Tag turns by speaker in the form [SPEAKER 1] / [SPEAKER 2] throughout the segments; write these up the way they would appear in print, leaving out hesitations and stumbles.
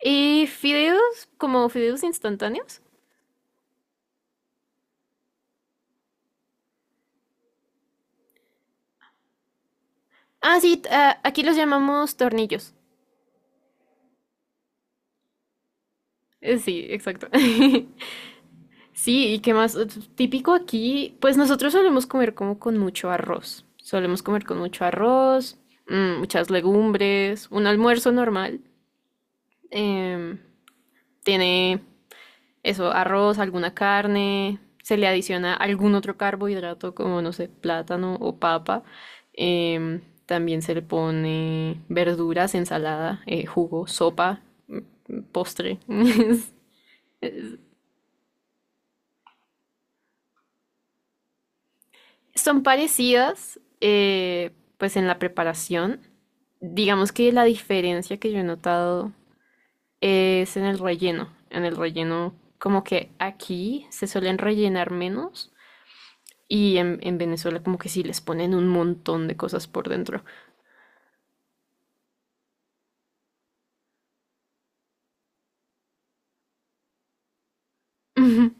[SPEAKER 1] ¿Y fideos? ¿Como fideos instantáneos? Ah, sí, aquí los llamamos tornillos. Sí, exacto. Sí, ¿y qué más? Típico aquí, pues nosotros solemos comer como con mucho arroz. Solemos comer con mucho arroz, muchas legumbres, un almuerzo normal. Em, tiene Eso, arroz, alguna carne, se le adiciona algún otro carbohidrato como, no sé, plátano o papa. También se le pone verduras, ensalada, jugo, sopa, postre. Es- es- Son parecidas, pues en la preparación. Digamos que la diferencia que yo he notado es en el relleno. En el relleno, como que aquí se suelen rellenar menos. Y en Venezuela como que sí les ponen un montón de cosas por dentro. Ujú.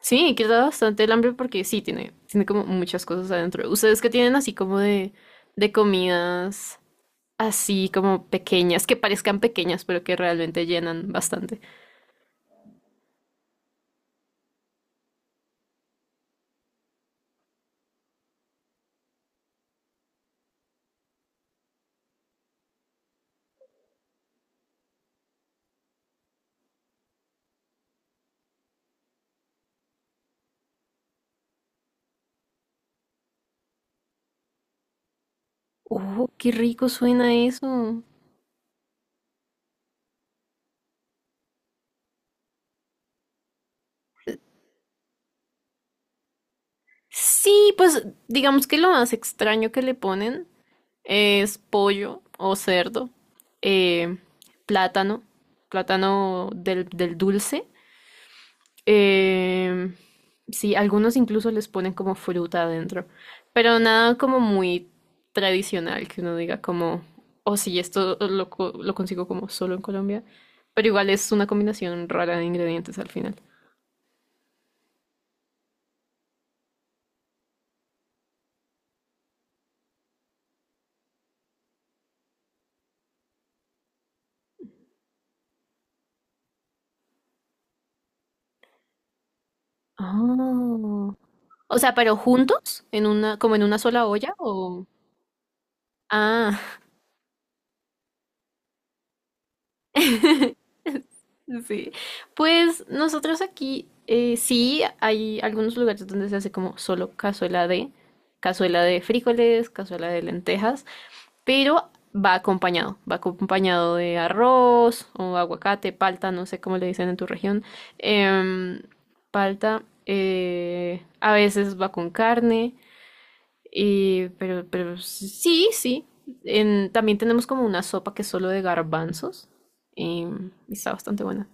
[SPEAKER 1] Sí, quita bastante el hambre porque sí, tiene como muchas cosas adentro. ¿Ustedes que tienen así como de comidas así como pequeñas, que parezcan pequeñas, pero que realmente llenan bastante? ¡Oh, qué rico suena eso! Sí, pues digamos que lo más extraño que le ponen es pollo o cerdo, eh, plátano, plátano del dulce. Eh, sí, algunos incluso les ponen como fruta adentro, pero nada como muy tradicional que uno diga como, oh sí, esto lo consigo como solo en Colombia, pero igual es una combinación rara de ingredientes al final. Oh. O sea, pero juntos, como en una sola olla o... Ah. Sí, pues nosotros aquí sí hay algunos lugares donde se hace como solo cazuela de frijoles, cazuela de lentejas, pero va acompañado de arroz o aguacate, palta, no sé cómo le dicen en tu región, em, palta, a veces va con carne, y, pero sí, sí, también tenemos como una sopa que es solo de garbanzos, y está bastante buena.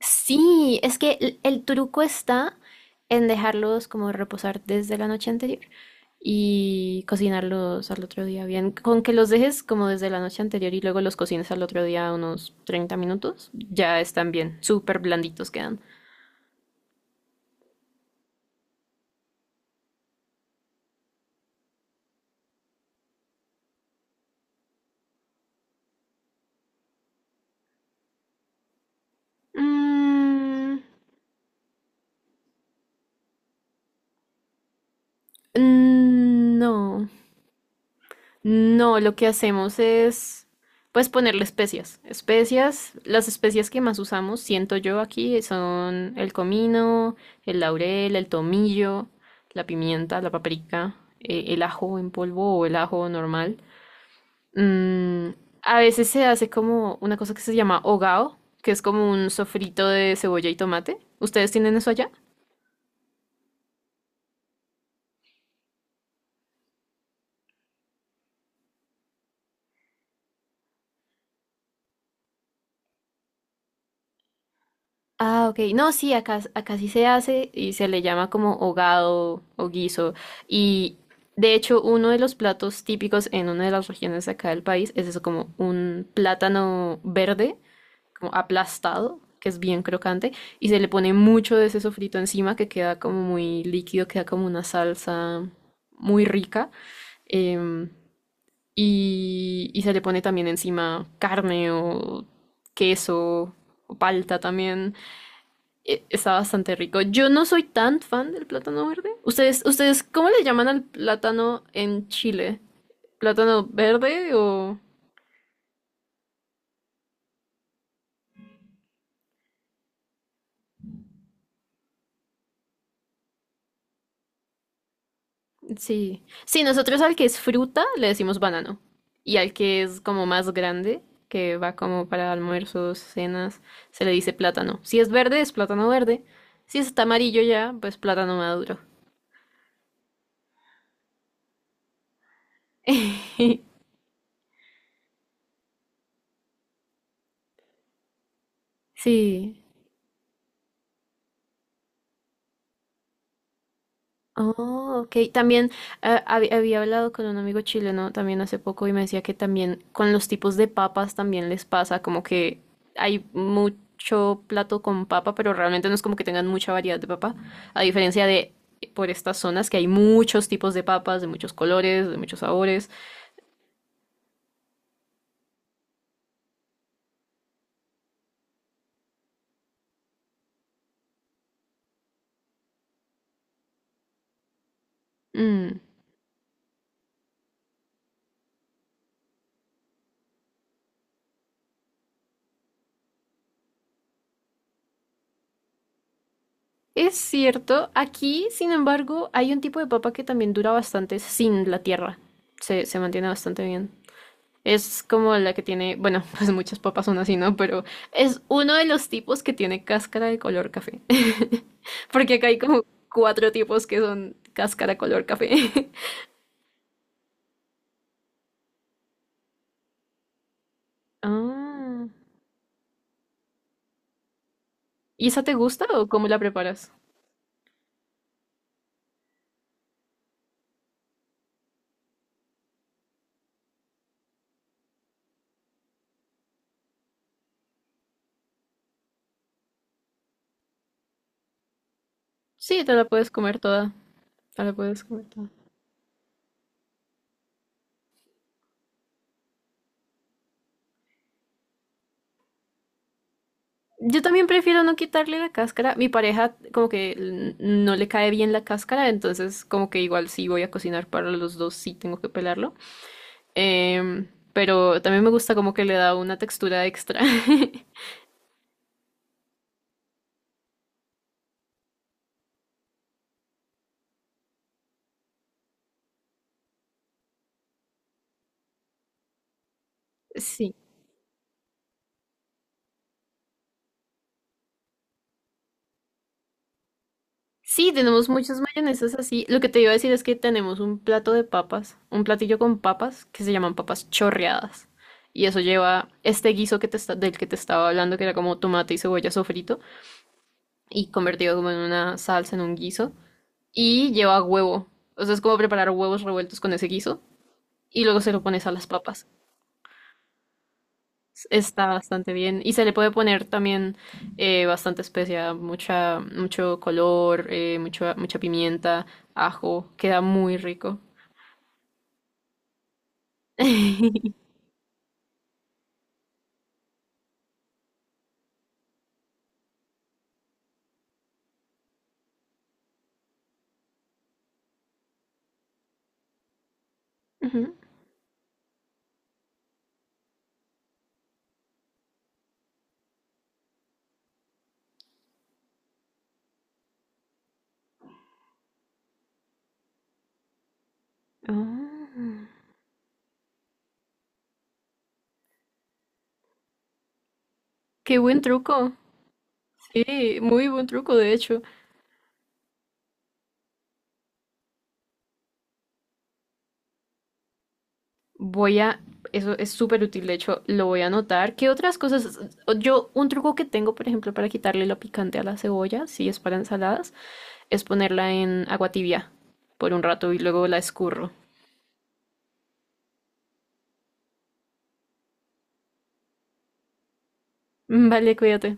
[SPEAKER 1] Sí, es que el truco está en dejarlos como reposar desde la noche anterior y cocinarlos al otro día bien. Con que los dejes como desde la noche anterior y luego los cocines al otro día unos 30 minutos, ya están bien, súper blanditos quedan. Mm, mm, no. No, lo que hacemos es, pues, ponerle especias. Especias, las especias que más usamos, siento yo aquí, son el comino, el laurel, el tomillo, la pimienta, la paprika, el ajo en polvo o el ajo normal. Mm, a veces se hace como una cosa que se llama hogao, que es como un sofrito de cebolla y tomate. ¿Ustedes tienen eso allá? Ah, ok. No, sí, acá, acá sí se hace y se le llama como hogado o guiso. Y de hecho, uno de los platos típicos en una de las regiones de acá del país es eso, como un plátano verde, como aplastado, que es bien crocante, y se le pone mucho de ese sofrito encima que queda como muy líquido, queda como una salsa muy rica. em, y se le pone también encima carne o queso o palta también. Está bastante rico. Yo no soy tan fan del plátano verde. ¿Ustedes, cómo le llaman al plátano en Chile? ¿Plátano verde o...? Sí. Sí, nosotros al que es fruta le decimos banano. Y al que es como más grande, que va como para almuerzos, cenas, se le dice plátano. Si es verde, es plátano verde. Si está amarillo ya, pues plátano maduro. Sí. Oh, ok. También había hablado con un amigo chileno también hace poco y me decía que también con los tipos de papas también les pasa, como que hay mucho plato con papa, pero realmente no es como que tengan mucha variedad de papa, a diferencia de por estas zonas que hay muchos tipos de papas, de muchos colores, de muchos sabores. Mm, Es cierto, aquí, sin embargo, hay un tipo de papa que también dura bastante sin la tierra. Se mantiene bastante bien. Es como la que tiene, bueno, pues muchas papas son así, ¿no? Pero es uno de los tipos que tiene cáscara de color café. Porque acá hay como cuatro tipos que son cáscara color café. Ah, ¿y esa te gusta o cómo la preparas? Sí, te la puedes comer toda. Te la puedes comer toda. Yo también prefiero no quitarle la cáscara. Mi pareja como que no le cae bien la cáscara, entonces como que igual si voy a cocinar para los dos sí tengo que pelarlo. Em, pero también me gusta como que le da una textura extra. Sí. Sí, tenemos muchas mayonesas así. Lo que te iba a decir es que tenemos un plato de papas, un platillo con papas que se llaman papas chorreadas. Y eso lleva este guiso que te del que te estaba hablando, que era como tomate y cebolla sofrito, y convertido como en una salsa, en un guiso. Y lleva huevo. O sea, es como preparar huevos revueltos con ese guiso. Y luego se lo pones a las papas. Está bastante bien. Y se le puede poner también bastante especia, mucho color, mucha pimienta, ajo. Queda muy rico. Ujú. Ah, qué buen truco. Sí, muy buen truco, de hecho. Voy a, eso es súper útil, de hecho, lo voy a anotar. ¿Qué otras cosas? Yo, un truco que tengo, por ejemplo, para quitarle lo picante a la cebolla, si es para ensaladas, es ponerla en agua tibia por un rato y luego la escurro. Vale, cuídate.